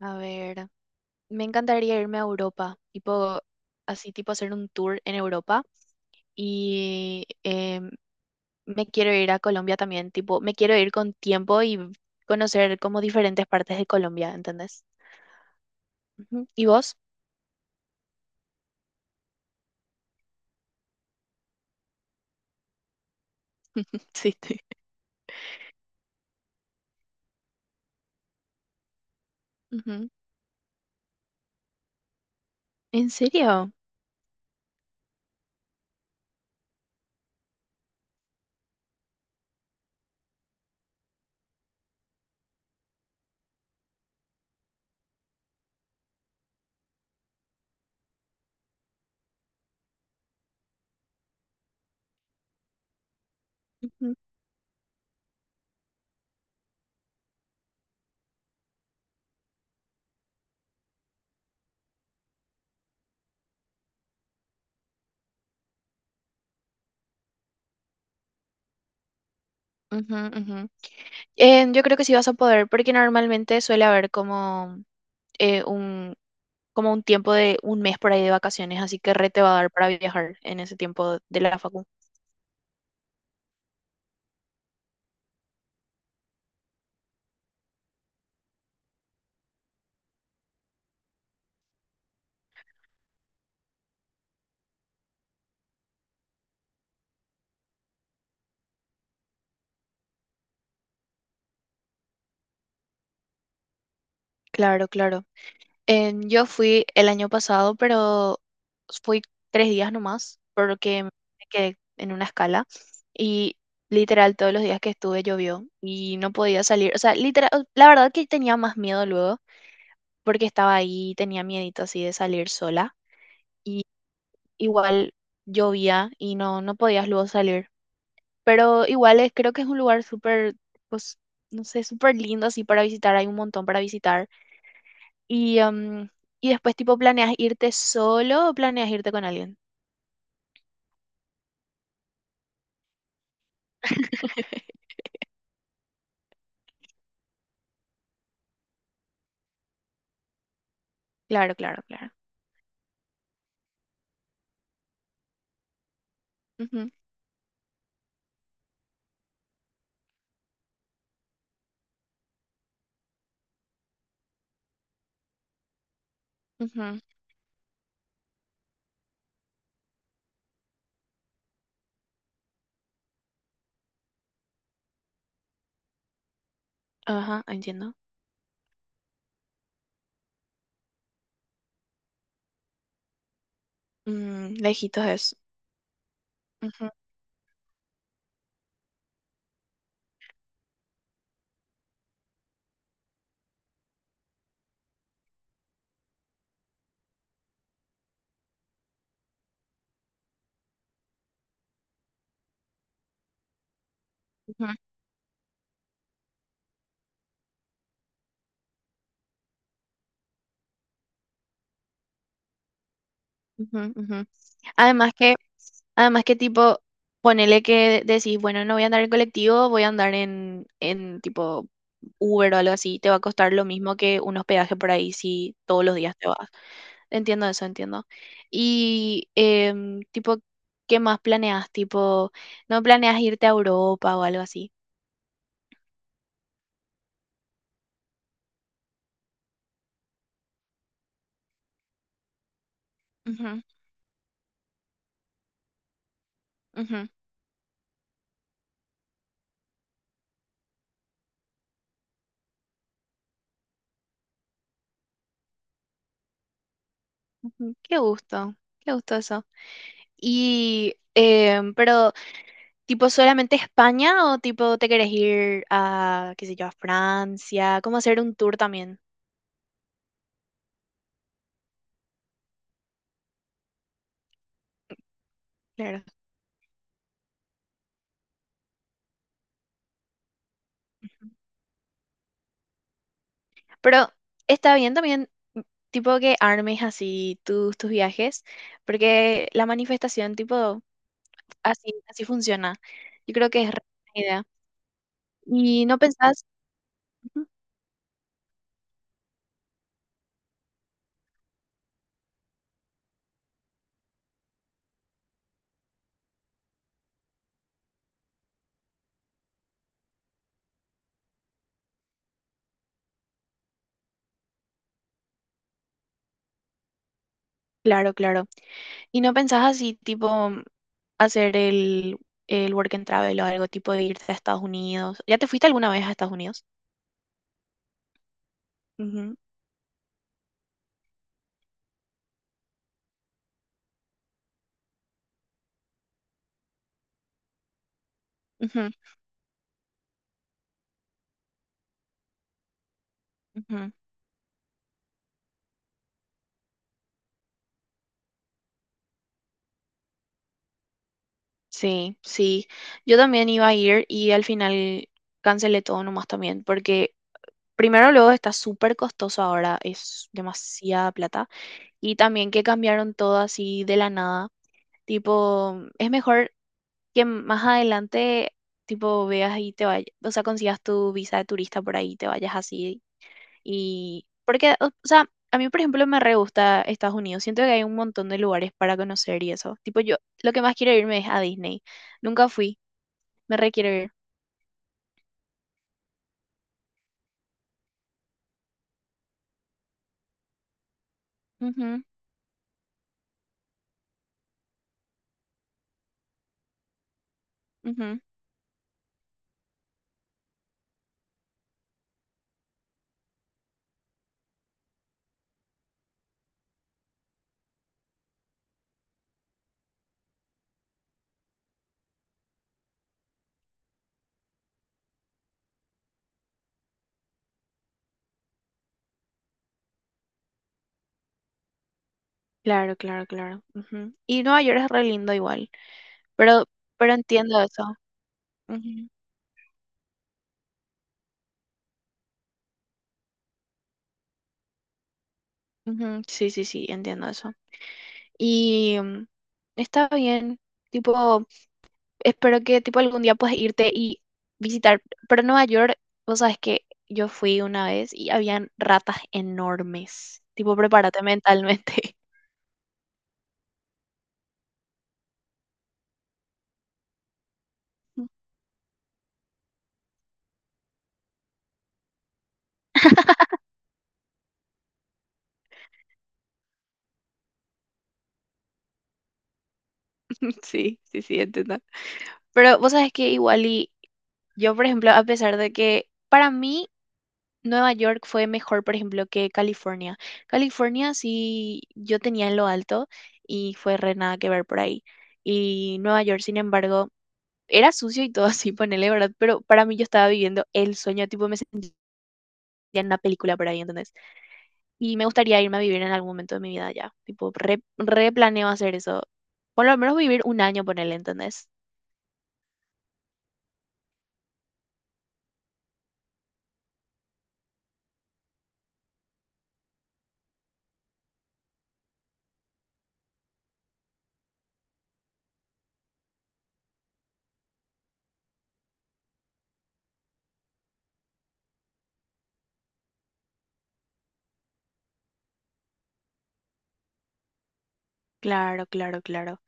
A ver, me encantaría irme a Europa, tipo, así tipo hacer un tour en Europa y me quiero ir a Colombia también, tipo, me quiero ir con tiempo y conocer como diferentes partes de Colombia, ¿entendés? Ujú. ¿Y vos? Sí, sí. Ujú. ¿En serio? Ujú, ujú, ujú. Yo creo que sí vas a poder, porque normalmente suele haber como un como un tiempo de un mes por ahí de vacaciones, así que re te va a dar para viajar en ese tiempo de la facu. Claro, claro. En- yo fui el año pasado, pero fui tres días nomás, porque me quedé en una escala y literal todos los días que estuve llovió y no podía salir. O sea, literal, la verdad que tenía más miedo luego, porque estaba ahí, tenía miedito así de salir sola y igual llovía y no, no podías luego salir. Pero igual es, creo que es un lugar súper, pues, no sé, súper lindo así para visitar, hay un montón para visitar y, y después, tipo, ¿planeas irte solo o planeas irte con alguien? Claro, claro, claro. Ujú, ujú. Ajá, entiendo. Mm, lejitos es. Ujú, ujú, ujú, ujú. Además que, además que tipo, ponele que decís, bueno, no voy a andar en colectivo, voy a andar en tipo Uber o algo así, te va a costar lo mismo que un hospedaje por ahí si todos los días te vas. Entiendo eso, entiendo. Y tipo, ¿qué más planeas? Tipo, ¿no planeas irte a Europa o algo así? Ujú, ujú, ujú. Qué gusto eso. Y, pero, tipo, ¿solamente España o tipo te querés ir a, qué sé yo, a Francia? ¿Cómo hacer un tour también? Claro. Pero está bien también, mm, tipo, que armes así tus, tus viajes, porque la manifestación, tipo... Así, así funciona. Yo creo que es re buena idea. Y no pensás, ujú, claro, claro. Y no pensás así, tipo, mm, hacer el work and travel o algo tipo de irte a Estados Unidos. ¿Ya te fuiste alguna vez a Estados Unidos? Ujú. Ujú, ujú. Sí, sí. Yo también iba a ir y al final cancelé todo nomás también, porque primero luego está súper costoso ahora, es demasiada plata. Y también que cambiaron todo así de la nada. Tipo, es mejor que más adelante, tipo, veas y te vayas, o sea, consigas tu visa de turista por ahí, y te vayas así. Y porque, o sea, a mí, por ejemplo, me re gusta Estados Unidos. Siento que hay un montón de lugares para conocer y eso. Tipo, yo lo que más quiero irme es a Disney. Nunca fui, me re quiero ir. Ujú, ujú. Claro, claro, claro. Ujú. Y Nueva York es re lindo igual, pero, pero entiendo eso. Ujú, ujú, sí, sí, sí, entiendo eso. Y mm, está bien, tipo... espero que tipo algún día puedas irte y visitar. Pero Nueva York, vos sabes que yo fui una vez y habían ratas enormes. Tipo, prepárate mentalmente. Sí, sí, sí, entiendo. Pero vos sabes que igual y yo, por ejemplo, a pesar de que para mí Nueva York fue mejor, por ejemplo, que California. California sí yo tenía en lo alto y fue re nada que ver por ahí. Y Nueva York, sin embargo, era sucio y todo así, ponele, ¿verdad? Pero para mí yo estaba viviendo el sueño, tipo, me sentía en una película por ahí, ¿entendés? Y me gustaría irme a vivir en algún momento de mi vida ya, tipo, re, replaneo hacer eso. Por lo menos vivir un año, ponele, ¿entendés? Claro, claro, claro.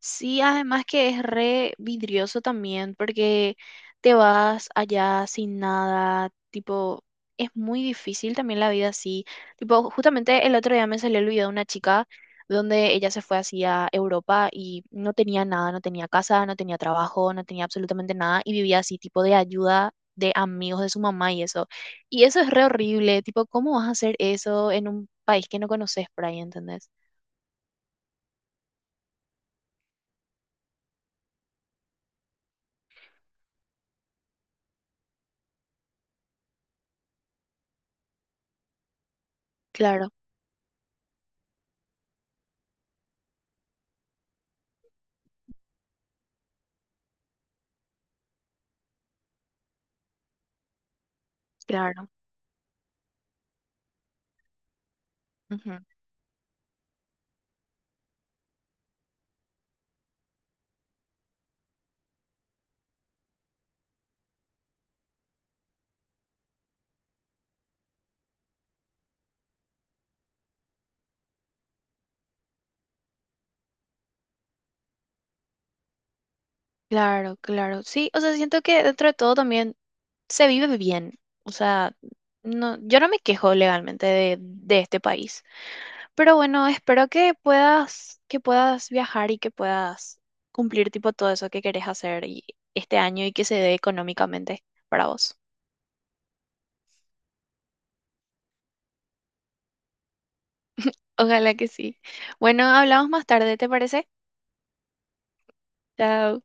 Sí, además que es re vidrioso también porque te vas allá sin nada, tipo, es muy difícil también la vida así. Tipo, justamente el otro día me salió el video de una chica donde ella se fue hacia Europa y no tenía nada, no tenía casa, no tenía trabajo, no tenía absolutamente nada y vivía así, tipo de ayuda de amigos de su mamá y eso. Y eso es re horrible, tipo, ¿cómo vas a hacer eso en un país que no conoces por ahí, ¿entendés? Claro, claro. Ujú. Claro, claro. Sí, o sea, siento que dentro de todo también se vive bien. O sea, no, yo no me quejo legalmente de este país. Pero bueno, espero que puedas viajar y que puedas cumplir tipo todo eso que querés hacer y- este año y que se dé económicamente para vos. Ojalá que sí. Bueno, hablamos más tarde, ¿te parece? Chao.